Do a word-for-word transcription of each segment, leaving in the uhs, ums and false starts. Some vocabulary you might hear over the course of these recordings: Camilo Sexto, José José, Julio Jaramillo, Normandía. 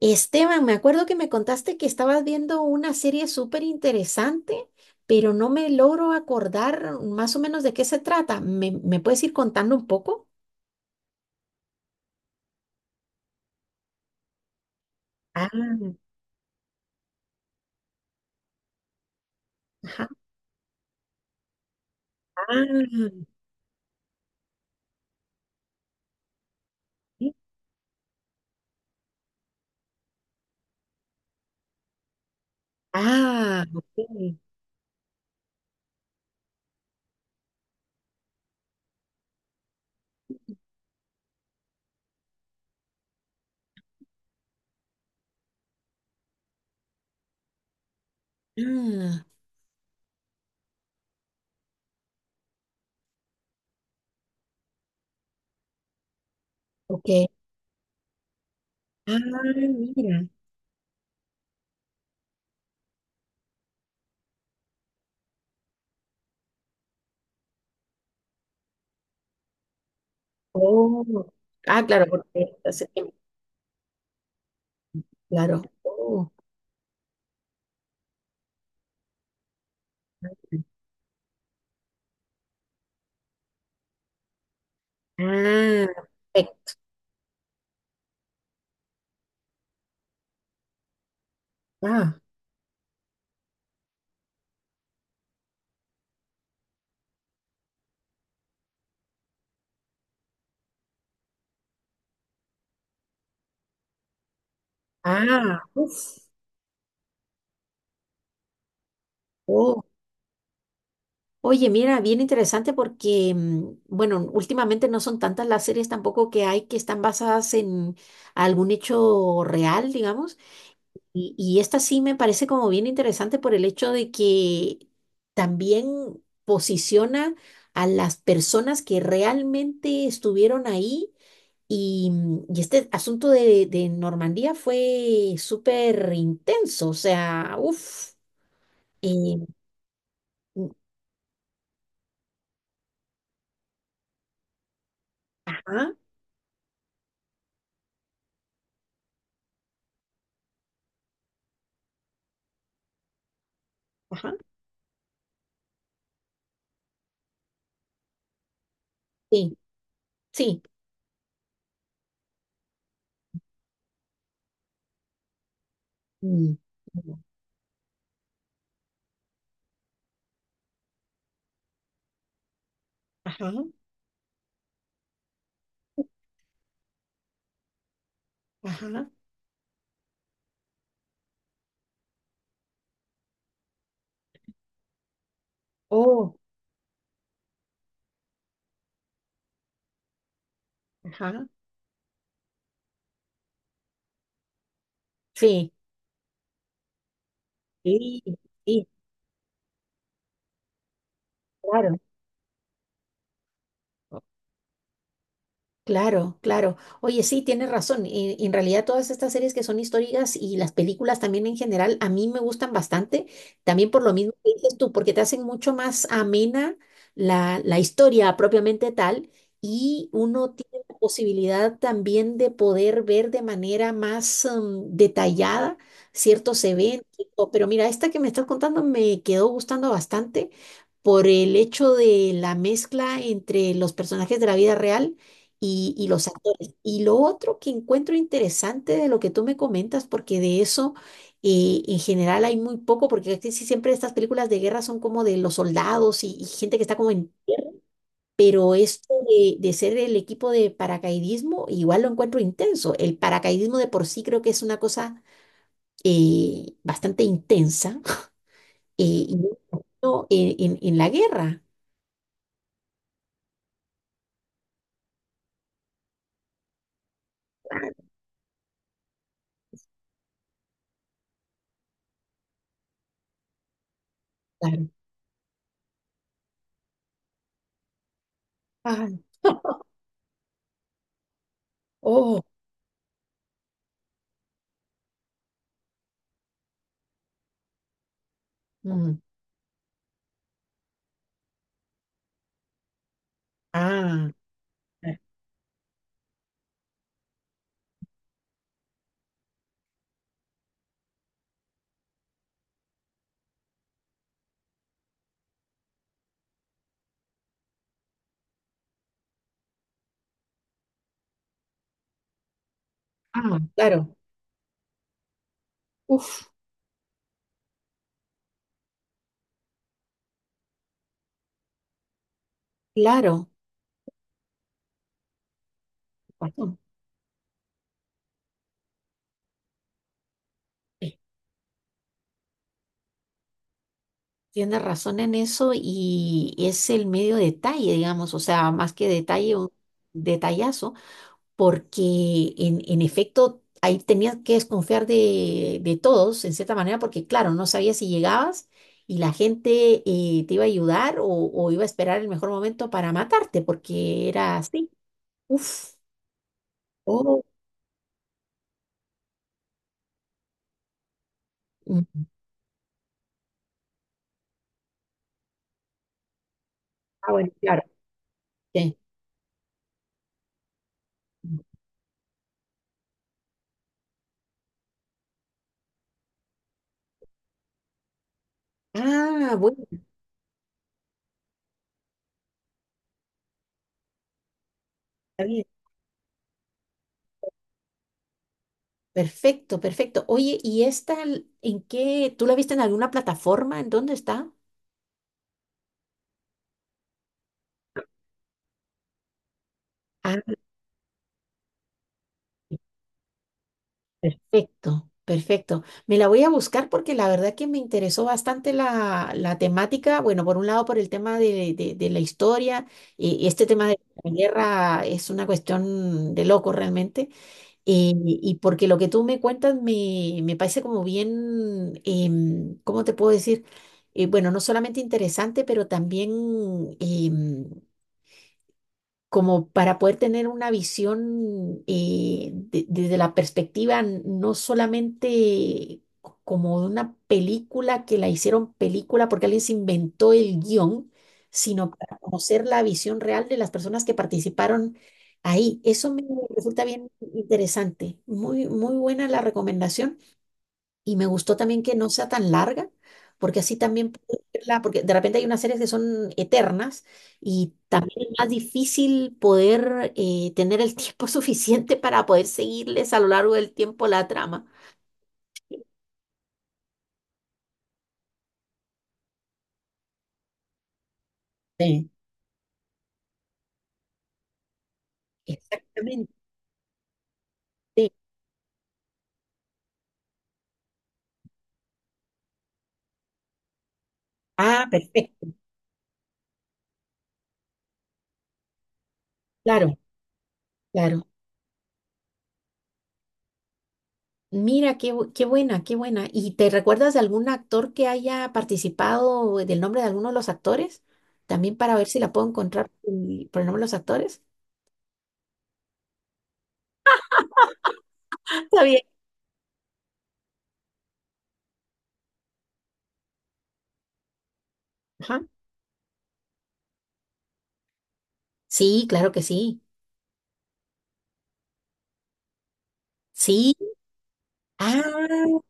Esteban, me acuerdo que me contaste que estabas viendo una serie súper interesante, pero no me logro acordar más o menos de qué se trata. ¿Me, me puedes ir contando un poco? Sí. Ah, ok. Ah, ok. Ah, mira. Oh. Ah, claro, porque hace tiempo. Claro. Oh. Ah, perfecto. Ah, ah, uf. Oye, mira, bien interesante porque, mm, bueno, últimamente no son tantas las series tampoco que hay que están basadas en algún hecho real, digamos. Y, y esta sí me parece como bien interesante por el hecho de que también posiciona a las personas que realmente estuvieron ahí. Y, mm, y este asunto de, de Normandía fue súper intenso, o sea, uff. Ajá, ajá, sí, sí. Mm, mm. Ajá, ajá. Oh, ajá. Sí, sí, sí, claro. Claro, claro. Oye, sí, tienes razón. Y, y en realidad todas estas series que son históricas y las películas también en general, a mí me gustan bastante, también por lo mismo que dices tú, porque te hacen mucho más amena la, la historia propiamente tal y uno tiene la posibilidad también de poder ver de manera más em, detallada ciertos eventos. Pero mira, esta que me estás contando me quedó gustando bastante por el hecho de la mezcla entre los personajes de la vida real y, y los actores. Y lo otro que encuentro interesante de lo que tú me comentas, porque de eso eh, en general hay muy poco, porque casi siempre estas películas de guerra son como de los soldados y, y gente que está como en. Pero esto de, de ser el equipo de paracaidismo, igual lo encuentro intenso. El paracaidismo de por sí creo que es una cosa eh, bastante intensa eh, y no en, en- en la guerra. Claro. Ah, oh, mm, ah, ah, claro. Uf, claro, razón. Sí. Tienes razón en eso y es el medio detalle, digamos, o sea, más que detalle, un detallazo, porque en, en efecto ahí tenías que desconfiar de, de todos, en cierta manera, porque claro, no sabías si llegabas y la gente eh, te iba a ayudar o, o iba a esperar el mejor momento para matarte, porque era así. Uf, oh, mm, ah, bueno, claro. Sí. Ah, bueno, está bien. Perfecto, perfecto. Oye, ¿y esta l- en qué? ¿Tú la viste en alguna plataforma? ¿En dónde está? Ah, perfecto, perfecto. Me la voy a buscar porque la verdad que me interesó bastante la, la temática. Bueno, por un lado, por el tema de, de- de la historia y, y este tema de la guerra es una cuestión de loco realmente. Eh, y porque lo que tú me cuentas me, me parece como bien, em, ¿cómo te puedo decir? Eh, bueno, no solamente interesante, pero también em, como para poder tener una visión eh, de- desde la perspectiva n- no solamente co- como de una película que la hicieron película porque alguien se inventó el guión, sino para conocer la visión real de las personas que participaron ahí. Eso me resulta bien interesante. Muy, muy buena la recomendación. Y me gustó también que no sea tan larga, porque así también puedo verla, porque de repente hay unas series que son eternas y también es más difícil poder eh, tener el tiempo suficiente para poder seguirles a lo largo del tiempo la trama. Sí, exactamente. Ah, perfecto. Claro, claro. Mira, qué, bu- qué buena, qué buena. ¿Y te recuerdas de algún actor que haya participado, del nombre de alguno de los actores? También para ver si la puedo encontrar por el por el nombre de los actores. Está bien. Ajá. Sí, claro que sí. Sí. Ah,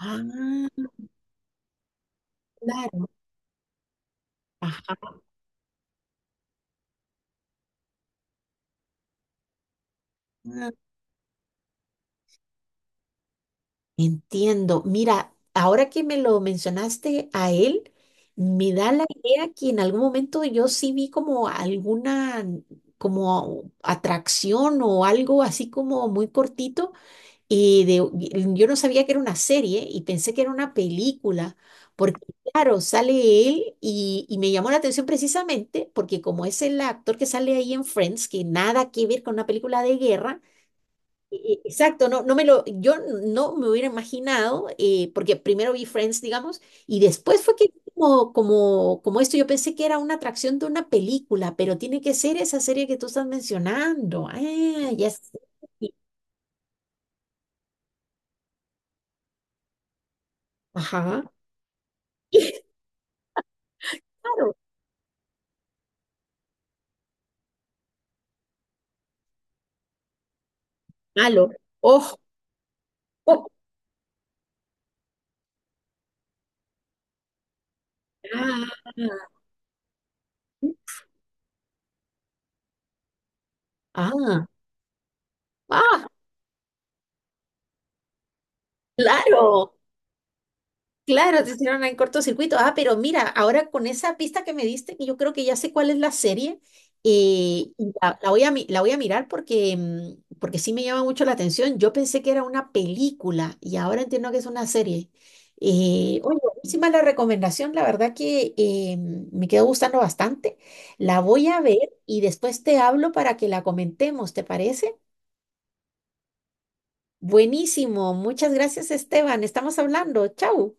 ah, claro. Ajá. Entiendo. Mira, ahora que me lo mencionaste a él, me da la idea que en algún momento yo sí vi como alguna como atracción o algo así como muy cortito. Y de, y yo no sabía que era una serie y pensé que era una película, porque claro, sale él y, y me llamó la atención precisamente porque como es el actor que sale ahí en Friends, que nada que ver con una película de guerra, e- e- exacto, no, no me lo, yo no me hubiera imaginado, eh, porque primero vi Friends, digamos, y después fue que como, como, como esto, yo pensé que era una atracción de una película, pero tiene que ser esa serie que tú estás mencionando. Ah, ya sé. Ajá. Malo. Oh, oh, ah, ah, ah, claro, claro, te hicieron en cortocircuito. Ah, pero mira, ahora con esa pista que me diste, que yo creo que ya sé cuál es la serie, eh, y la, la voy a, mi- la voy a mirar porque, mm, porque sí me llama mucho la atención. Yo pensé que era una película y ahora entiendo que es una serie. Eh, oye, buenísima la recomendación, la verdad que eh, me quedó gustando bastante. La voy a ver y después te hablo para que la comentemos, ¿te parece? Buenísimo. Muchas gracias, Esteban. Estamos hablando. Chau.